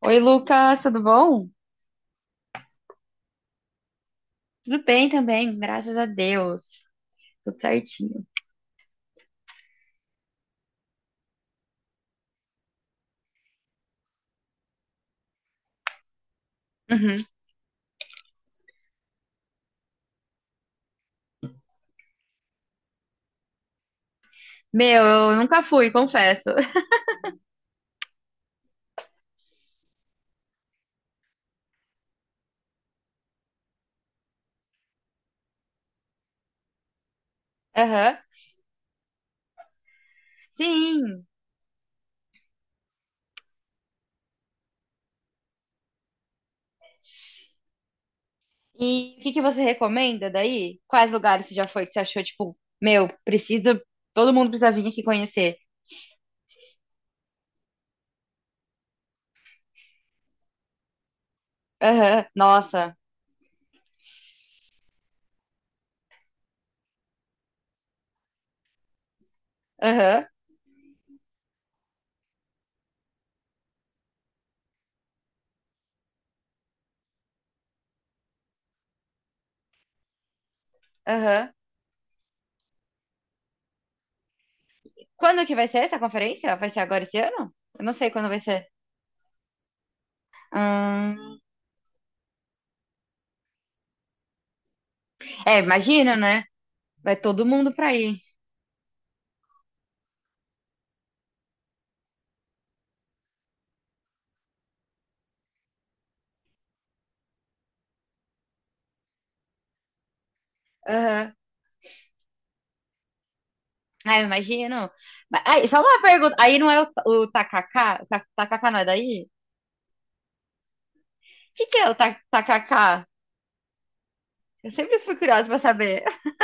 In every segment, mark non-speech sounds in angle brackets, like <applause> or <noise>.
Oi, Lucas, tudo bom? Tudo bem também, graças a Deus. Tudo certinho. Uhum. Meu, eu nunca fui, confesso. <laughs> Aham. Sim. E o que que você recomenda daí? Quais lugares você já foi que você achou, tipo, meu, preciso, todo mundo precisa vir aqui conhecer. Aham. Nossa. Aham. Aham. Quando que vai ser essa conferência? Vai ser agora esse ano? Eu não sei quando vai ser. Hum. É, imagino, né? Vai todo mundo pra ir. Ah, eu imagino. Aí, só uma pergunta. Aí não é o tacacá? O tacacá não é daí? O que que é o tacacá? Eu sempre fui curiosa pra saber. <laughs>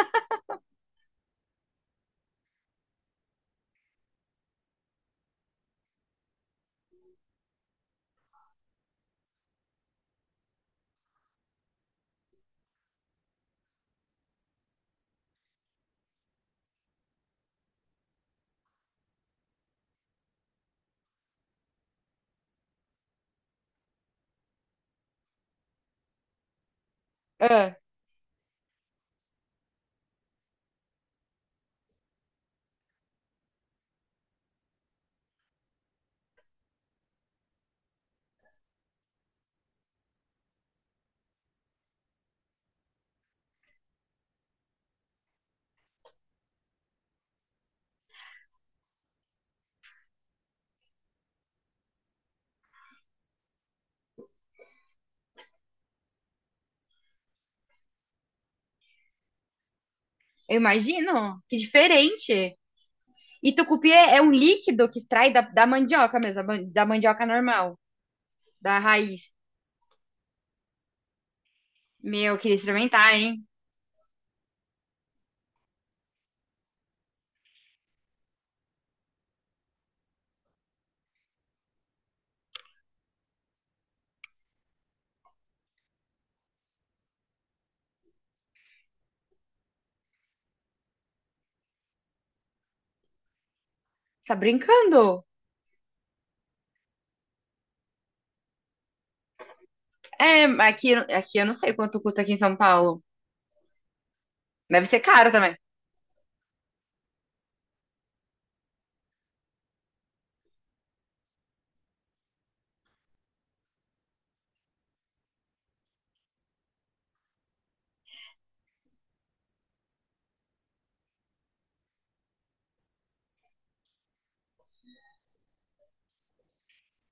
Ah, eu imagino. Que diferente. E tucupi é, é um líquido que extrai da mandioca mesmo, da da mandioca normal, da raiz. Meu, eu queria experimentar, hein? Tá brincando? É, mas aqui, aqui eu não sei quanto custa aqui em São Paulo. Deve ser caro também.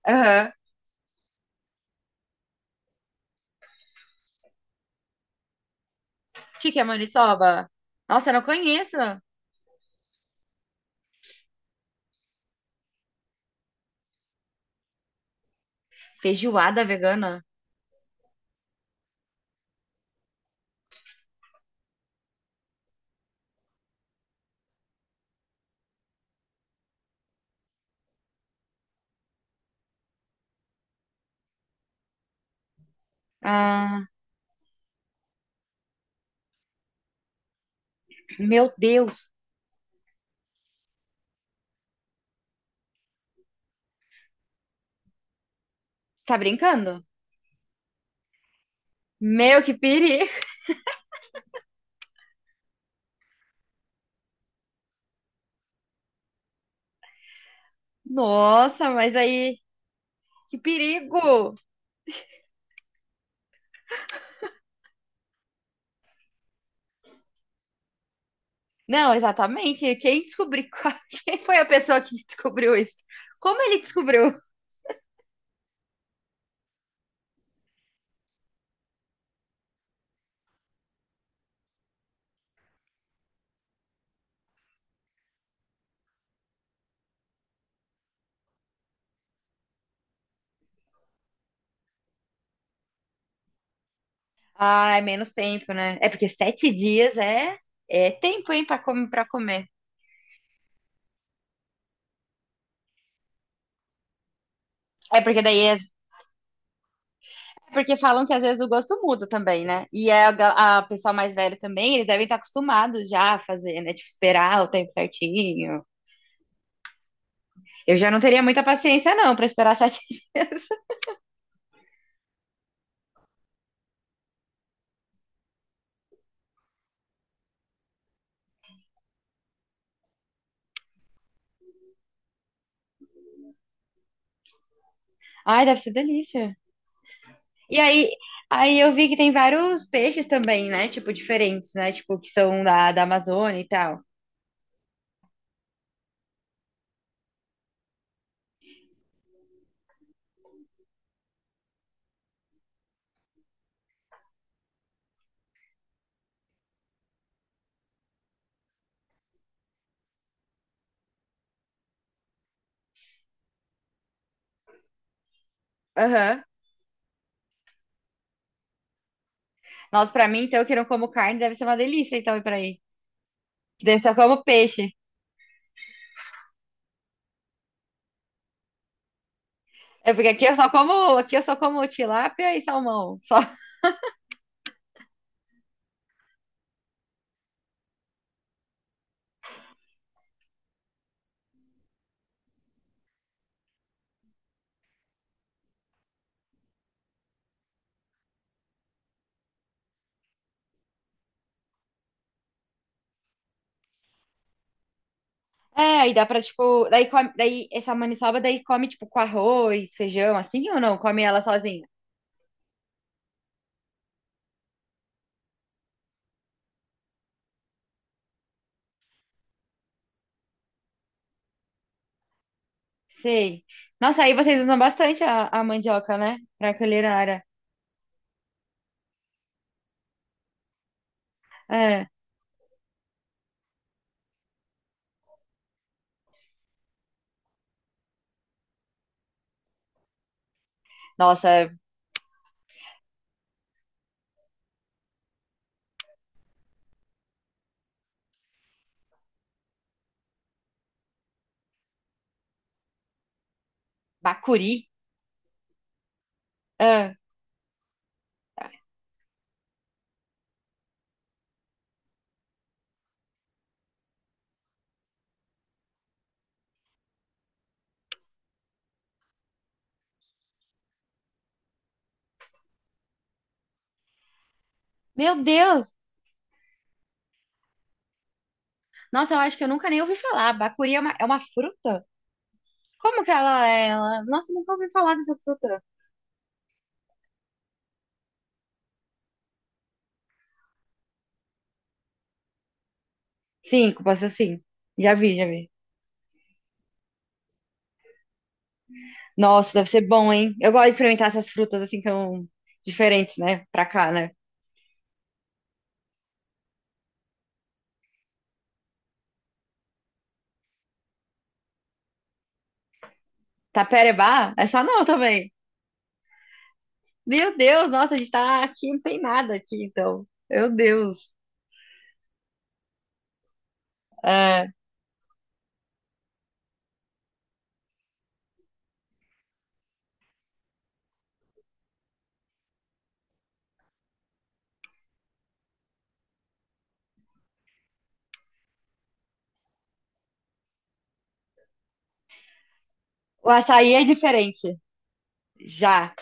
Aham. O que que é maniçoba? Nossa, eu não conheço. Feijoada vegana? Ah, meu Deus, tá brincando? Meu, que perigo! <laughs> Nossa, mas aí, que perigo! Não, exatamente. Quem descobriu? <laughs> Quem foi a pessoa que descobriu isso? Como ele descobriu? Ah, é menos tempo, né? É porque sete dias é tempo, hein, pra comer, para comer. É porque daí é porque falam que às vezes o gosto muda também, né? E é a pessoa mais velha também, eles devem estar acostumados já a fazer, né? Tipo, esperar o tempo certinho. Eu já não teria muita paciência, não, pra esperar sete dias. <laughs> Ai, deve ser delícia. E aí, aí eu vi que tem vários peixes também, né? Tipo, diferentes, né? Tipo, que são da Amazônia e tal. Aham. Nossa, pra mim, então, que não como carne, deve ser uma delícia, então, ir pra aí. Daí eu só como peixe. É porque aqui eu só como tilápia e salmão. Só. É, aí dá pra, tipo, daí come, daí essa maniçoba daí come, tipo, com arroz, feijão, assim ou não? Come ela sozinha? Sei. Nossa, aí vocês usam bastante a mandioca, né? Pra culinária. É. Nossa, bacuri. É. Meu Deus! Nossa, eu acho que eu nunca nem ouvi falar. Bacuri é uma fruta? Como que ela é? Ela... Nossa, eu nunca ouvi falar dessa fruta. Cinco, pode ser assim. Já vi, já vi. Nossa, deve ser bom, hein? Eu gosto de experimentar essas frutas assim que são diferentes, né? Pra cá, né? Taperebá? Essa não também. Meu Deus, nossa, a gente tá aqui, não tem nada aqui, então. Meu Deus. É, o açaí é diferente. Já.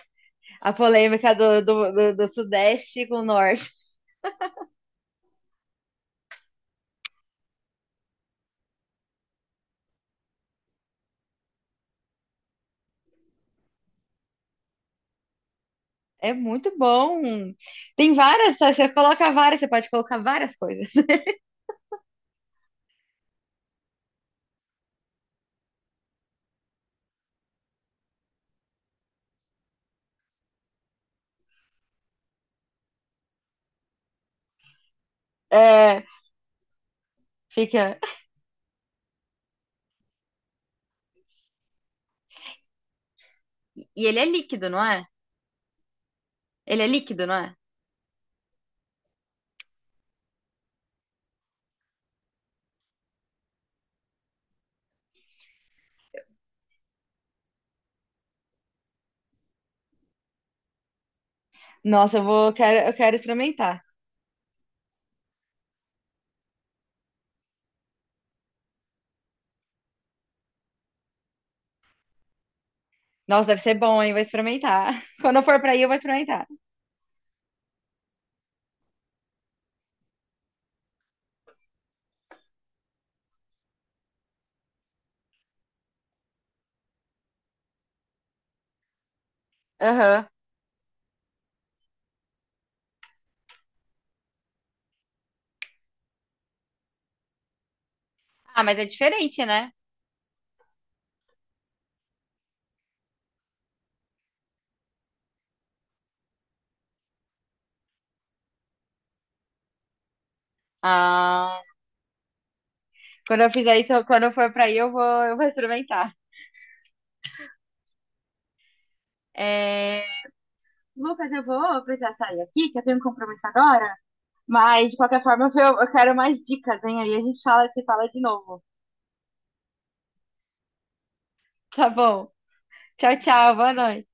A polêmica do Sudeste com o Norte. É muito bom. Tem várias, tá? Você coloca várias, você pode colocar várias coisas. <laughs> É, fica. E ele é líquido, não é? Ele é líquido, não é? Nossa, eu vou, quero, eu quero experimentar. Nossa, deve ser bom, hein? Vou experimentar. <laughs> Quando eu for pra aí, eu vou experimentar. Aham. Ah, mas é diferente, né? Ah, quando eu fizer isso, quando eu for pra aí, eu vou experimentar. É, Lucas, eu vou precisar sair aqui, que eu tenho um compromisso agora. Mas, de qualquer forma, eu quero mais dicas, hein? Aí a gente fala, se fala de novo. Tá bom. Tchau, tchau. Boa noite.